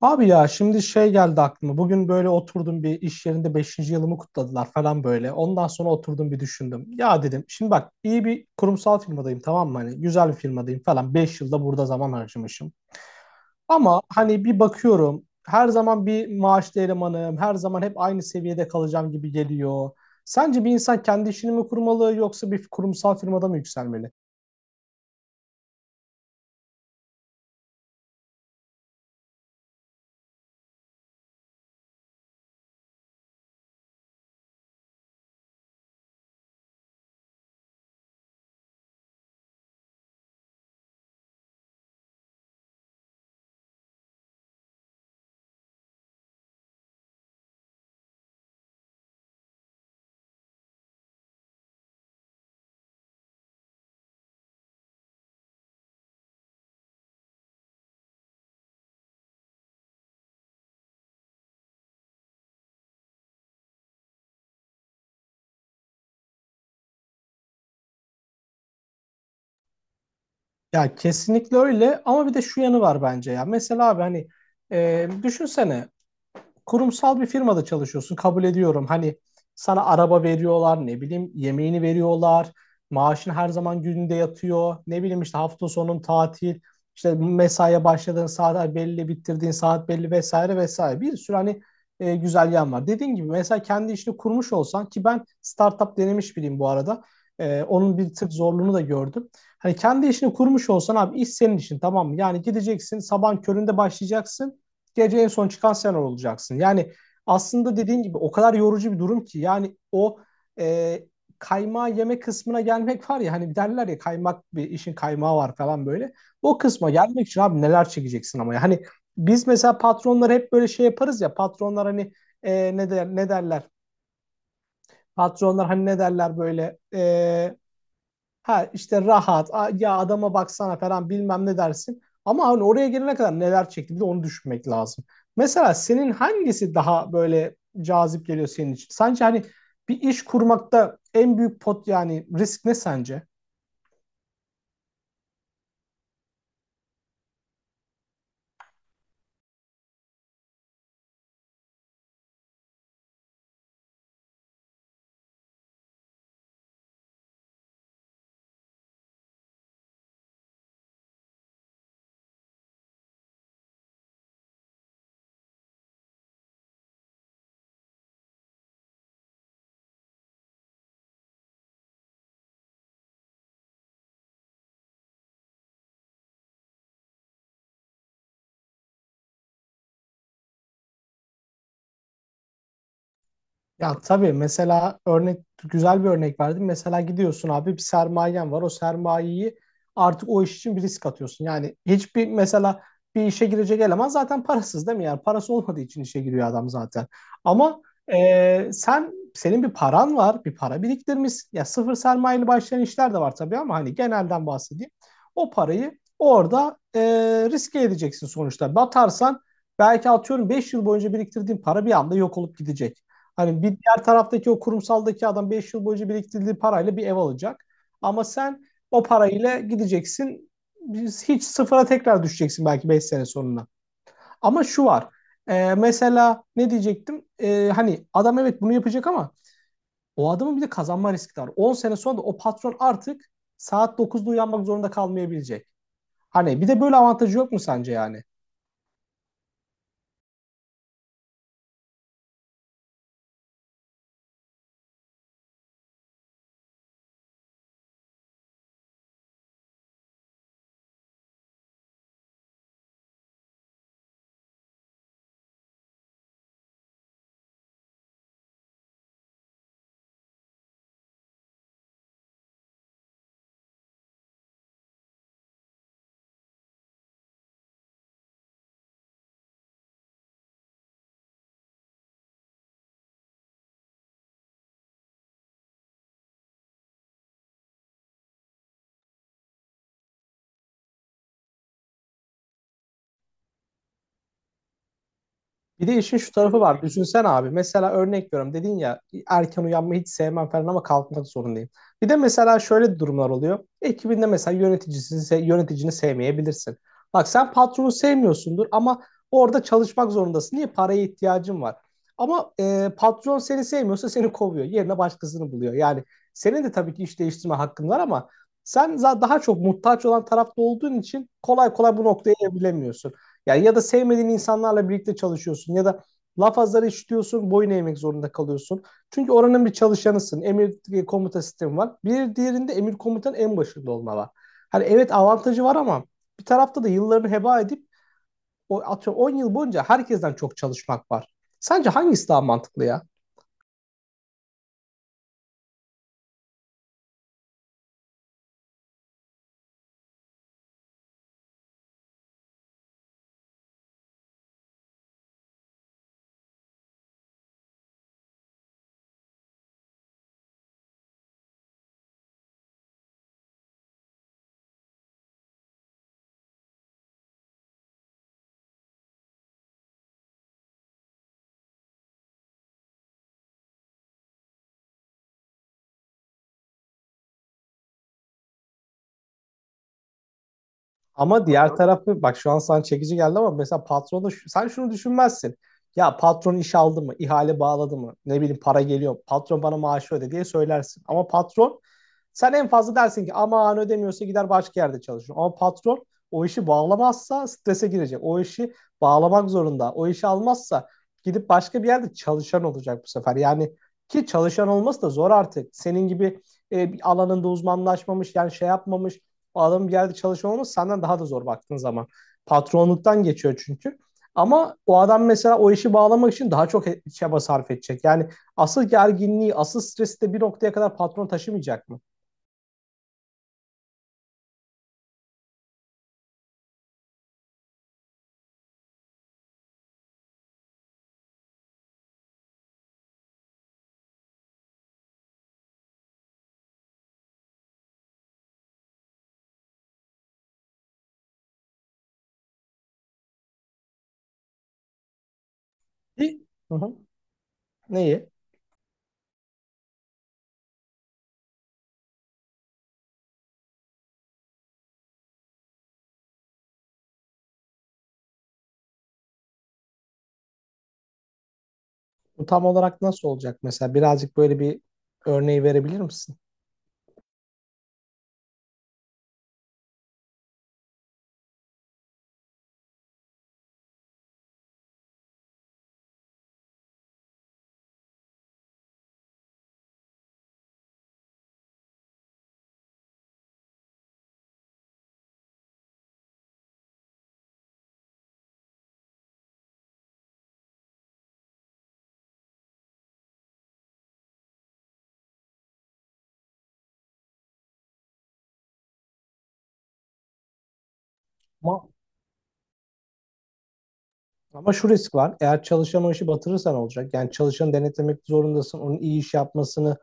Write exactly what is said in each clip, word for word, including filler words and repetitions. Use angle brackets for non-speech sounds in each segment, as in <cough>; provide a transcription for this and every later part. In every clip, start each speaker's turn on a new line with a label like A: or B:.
A: Abi ya şimdi şey geldi aklıma. Bugün böyle oturdum bir iş yerinde beşinci yılımı kutladılar falan böyle. Ondan sonra oturdum bir düşündüm. Ya dedim şimdi bak iyi bir kurumsal firmadayım tamam mı? Hani güzel bir firmadayım falan. beş yılda burada zaman harcamışım. Ama hani bir bakıyorum her zaman bir maaşlı elemanım. Her zaman hep aynı seviyede kalacağım gibi geliyor. Sence bir insan kendi işini mi kurmalı yoksa bir kurumsal firmada mı yükselmeli? Ya kesinlikle öyle ama bir de şu yanı var bence ya. Mesela abi hani e, düşünsene kurumsal bir firmada çalışıyorsun kabul ediyorum. Hani sana araba veriyorlar, ne bileyim yemeğini veriyorlar, maaşın her zaman gününde yatıyor. Ne bileyim işte hafta sonun tatil, işte mesaiye başladığın saat belli, bitirdiğin saat belli vesaire vesaire. Bir sürü hani e, güzel yan var. Dediğin gibi mesela kendi işini kurmuş olsan ki ben startup denemiş biriyim bu arada. E, onun bir tık zorluğunu da gördüm. Hani kendi işini kurmuş olsan abi iş senin işin tamam mı? Yani gideceksin sabahın köründe başlayacaksın, gece en son çıkan sen olacaksın. Yani aslında dediğin gibi o kadar yorucu bir durum ki yani o e, kaymağı yeme kısmına gelmek var ya, hani derler ya, kaymak bir işin kaymağı var falan böyle. O kısma gelmek için abi neler çekeceksin ama ya. Hani biz mesela patronlar hep böyle şey yaparız ya, patronlar hani e, ne der, ne derler? Patronlar hani ne derler böyle e, Ha işte rahat, a- ya adama baksana falan bilmem ne dersin. Ama hani oraya gelene kadar neler çekti bir de onu düşünmek lazım. Mesela senin hangisi daha böyle cazip geliyor senin için? Sence hani bir iş kurmakta en büyük pot, yani risk ne sence? Ya tabii mesela örnek güzel bir örnek verdim. Mesela gidiyorsun abi bir sermayen var. O sermayeyi artık o iş için bir risk atıyorsun. Yani hiçbir mesela bir işe girecek eleman zaten parasız değil mi? Yani parası olmadığı için işe giriyor adam zaten. Ama e, sen senin bir paran var, bir para biriktirmişsin. Ya sıfır sermayeli başlayan işler de var tabii ama hani genelden bahsedeyim. O parayı orada e, riske edeceksin sonuçta. Batarsan belki atıyorum beş yıl boyunca biriktirdiğin para bir anda yok olup gidecek. Hani bir diğer taraftaki o kurumsaldaki adam beş yıl boyunca biriktirdiği parayla bir ev alacak. Ama sen o parayla gideceksin. Biz hiç sıfıra tekrar düşeceksin belki beş sene sonuna. Ama şu var. E, mesela ne diyecektim? E, hani adam evet bunu yapacak ama o adamın bir de kazanma riski var. On sene sonra da o patron artık saat dokuzda uyanmak zorunda kalmayabilecek. Hani bir de böyle avantajı yok mu sence yani? Bir de işin şu tarafı var. Düşünsen abi. Mesela örnek veriyorum. Dedin ya, erken uyanmayı hiç sevmem falan ama kalkmak zorundayım. Bir de mesela şöyle durumlar oluyor. Ekibinde mesela yöneticisi, yöneticini sevmeyebilirsin. Bak, sen patronu sevmiyorsundur ama orada çalışmak zorundasın. Niye? Paraya ihtiyacın var. Ama e, patron seni sevmiyorsa seni kovuyor. Yerine başkasını buluyor. Yani senin de tabii ki iş değiştirme hakkın var ama sen za- daha çok muhtaç olan tarafta olduğun için kolay kolay bu noktaya evrilemiyorsun. Yani ya da sevmediğin insanlarla birlikte çalışıyorsun ya da laf azları işitiyorsun, boyun eğmek zorunda kalıyorsun. Çünkü oranın bir çalışanısın. Emir e, komuta sistemi var. Bir diğerinde emir komutanın en başında olma var. Hani evet avantajı var ama bir tarafta da yıllarını heba edip o atıyorum on yıl boyunca herkesten çok çalışmak var. Sence hangisi daha mantıklı ya? Ama diğer Aha. tarafı bak, şu an sana çekici geldi ama mesela patronu sen şunu düşünmezsin. Ya patron iş aldı mı, ihale bağladı mı? Ne bileyim, para geliyor. Patron bana maaşı öde diye söylersin. Ama patron, sen en fazla dersin ki aman ödemiyorsa gider başka yerde çalışır. Ama patron o işi bağlamazsa strese girecek. O işi bağlamak zorunda. O işi almazsa gidip başka bir yerde çalışan olacak bu sefer. Yani ki çalışan olması da zor artık. Senin gibi e, bir alanında uzmanlaşmamış, yani şey yapmamış o adam geldi yerde çalışıyor olması senden daha da zor baktığın zaman. Patronluktan geçiyor çünkü. Ama o adam mesela o işi bağlamak için daha çok çaba sarf edecek. Yani asıl gerginliği, asıl stresi de bir noktaya kadar patron taşımayacak mı? E, Hı hı. Neyi? Bu tam olarak nasıl olacak mesela? Birazcık böyle bir örneği verebilir misin? Ama, ama şu risk var. Eğer çalışan o işi batırırsan olacak. Yani çalışanı denetlemek zorundasın. Onun iyi iş yapmasını,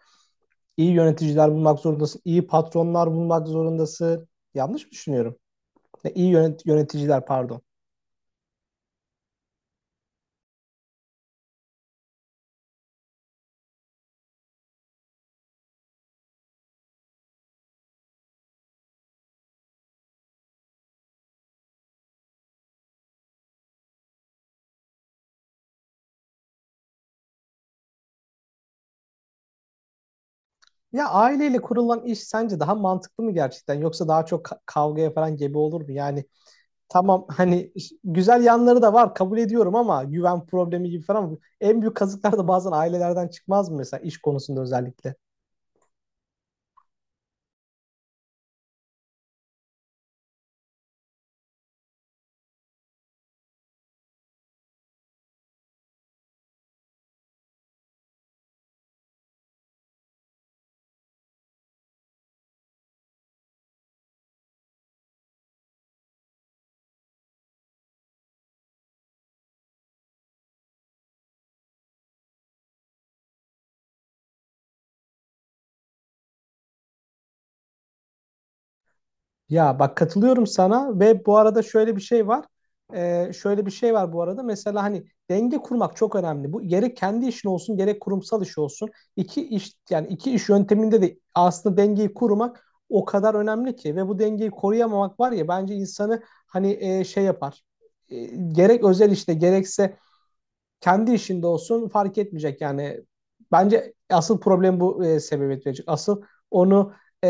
A: iyi yöneticiler bulmak zorundasın. İyi patronlar bulmak zorundasın. Yanlış mı düşünüyorum? Ne, iyi yönet- yöneticiler pardon. Ya aileyle kurulan iş sence daha mantıklı mı gerçekten yoksa daha çok ka- kavgaya falan gebe olur mu? Yani tamam hani ş- güzel yanları da var kabul ediyorum ama güven problemi gibi falan en büyük kazıklar da bazen ailelerden çıkmaz mı mesela iş konusunda özellikle? Ya bak katılıyorum sana, ve bu arada şöyle bir şey var. Ee, şöyle bir şey var bu arada. Mesela hani denge kurmak çok önemli. Bu gerek kendi işin olsun gerek kurumsal iş olsun. İki iş yani iki iş yönteminde de aslında dengeyi kurmak o kadar önemli ki ve bu dengeyi koruyamamak var ya bence insanı hani e, şey yapar. E, Gerek özel işte gerekse kendi işinde olsun fark etmeyecek yani. Bence asıl problem bu e, sebebiyet verecek. Asıl onu e,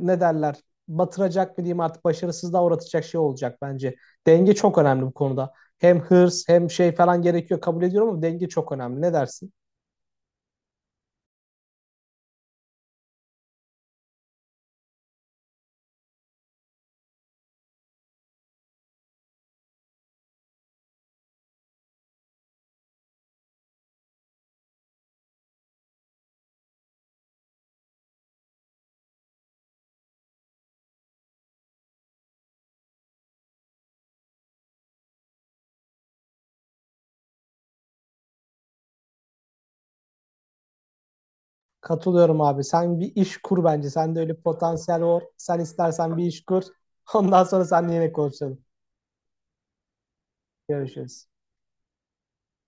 A: ne derler, batıracak mı diyeyim artık, başarısızlığa uğratacak şey olacak bence. Denge çok önemli bu konuda. Hem hırs hem şey falan gerekiyor kabul ediyorum ama denge çok önemli. Ne dersin? Katılıyorum abi. Sen bir iş kur bence. Sende öyle potansiyel var. Sen istersen bir iş kur. <laughs> Ondan sonra seninle yine konuşalım. Görüşürüz.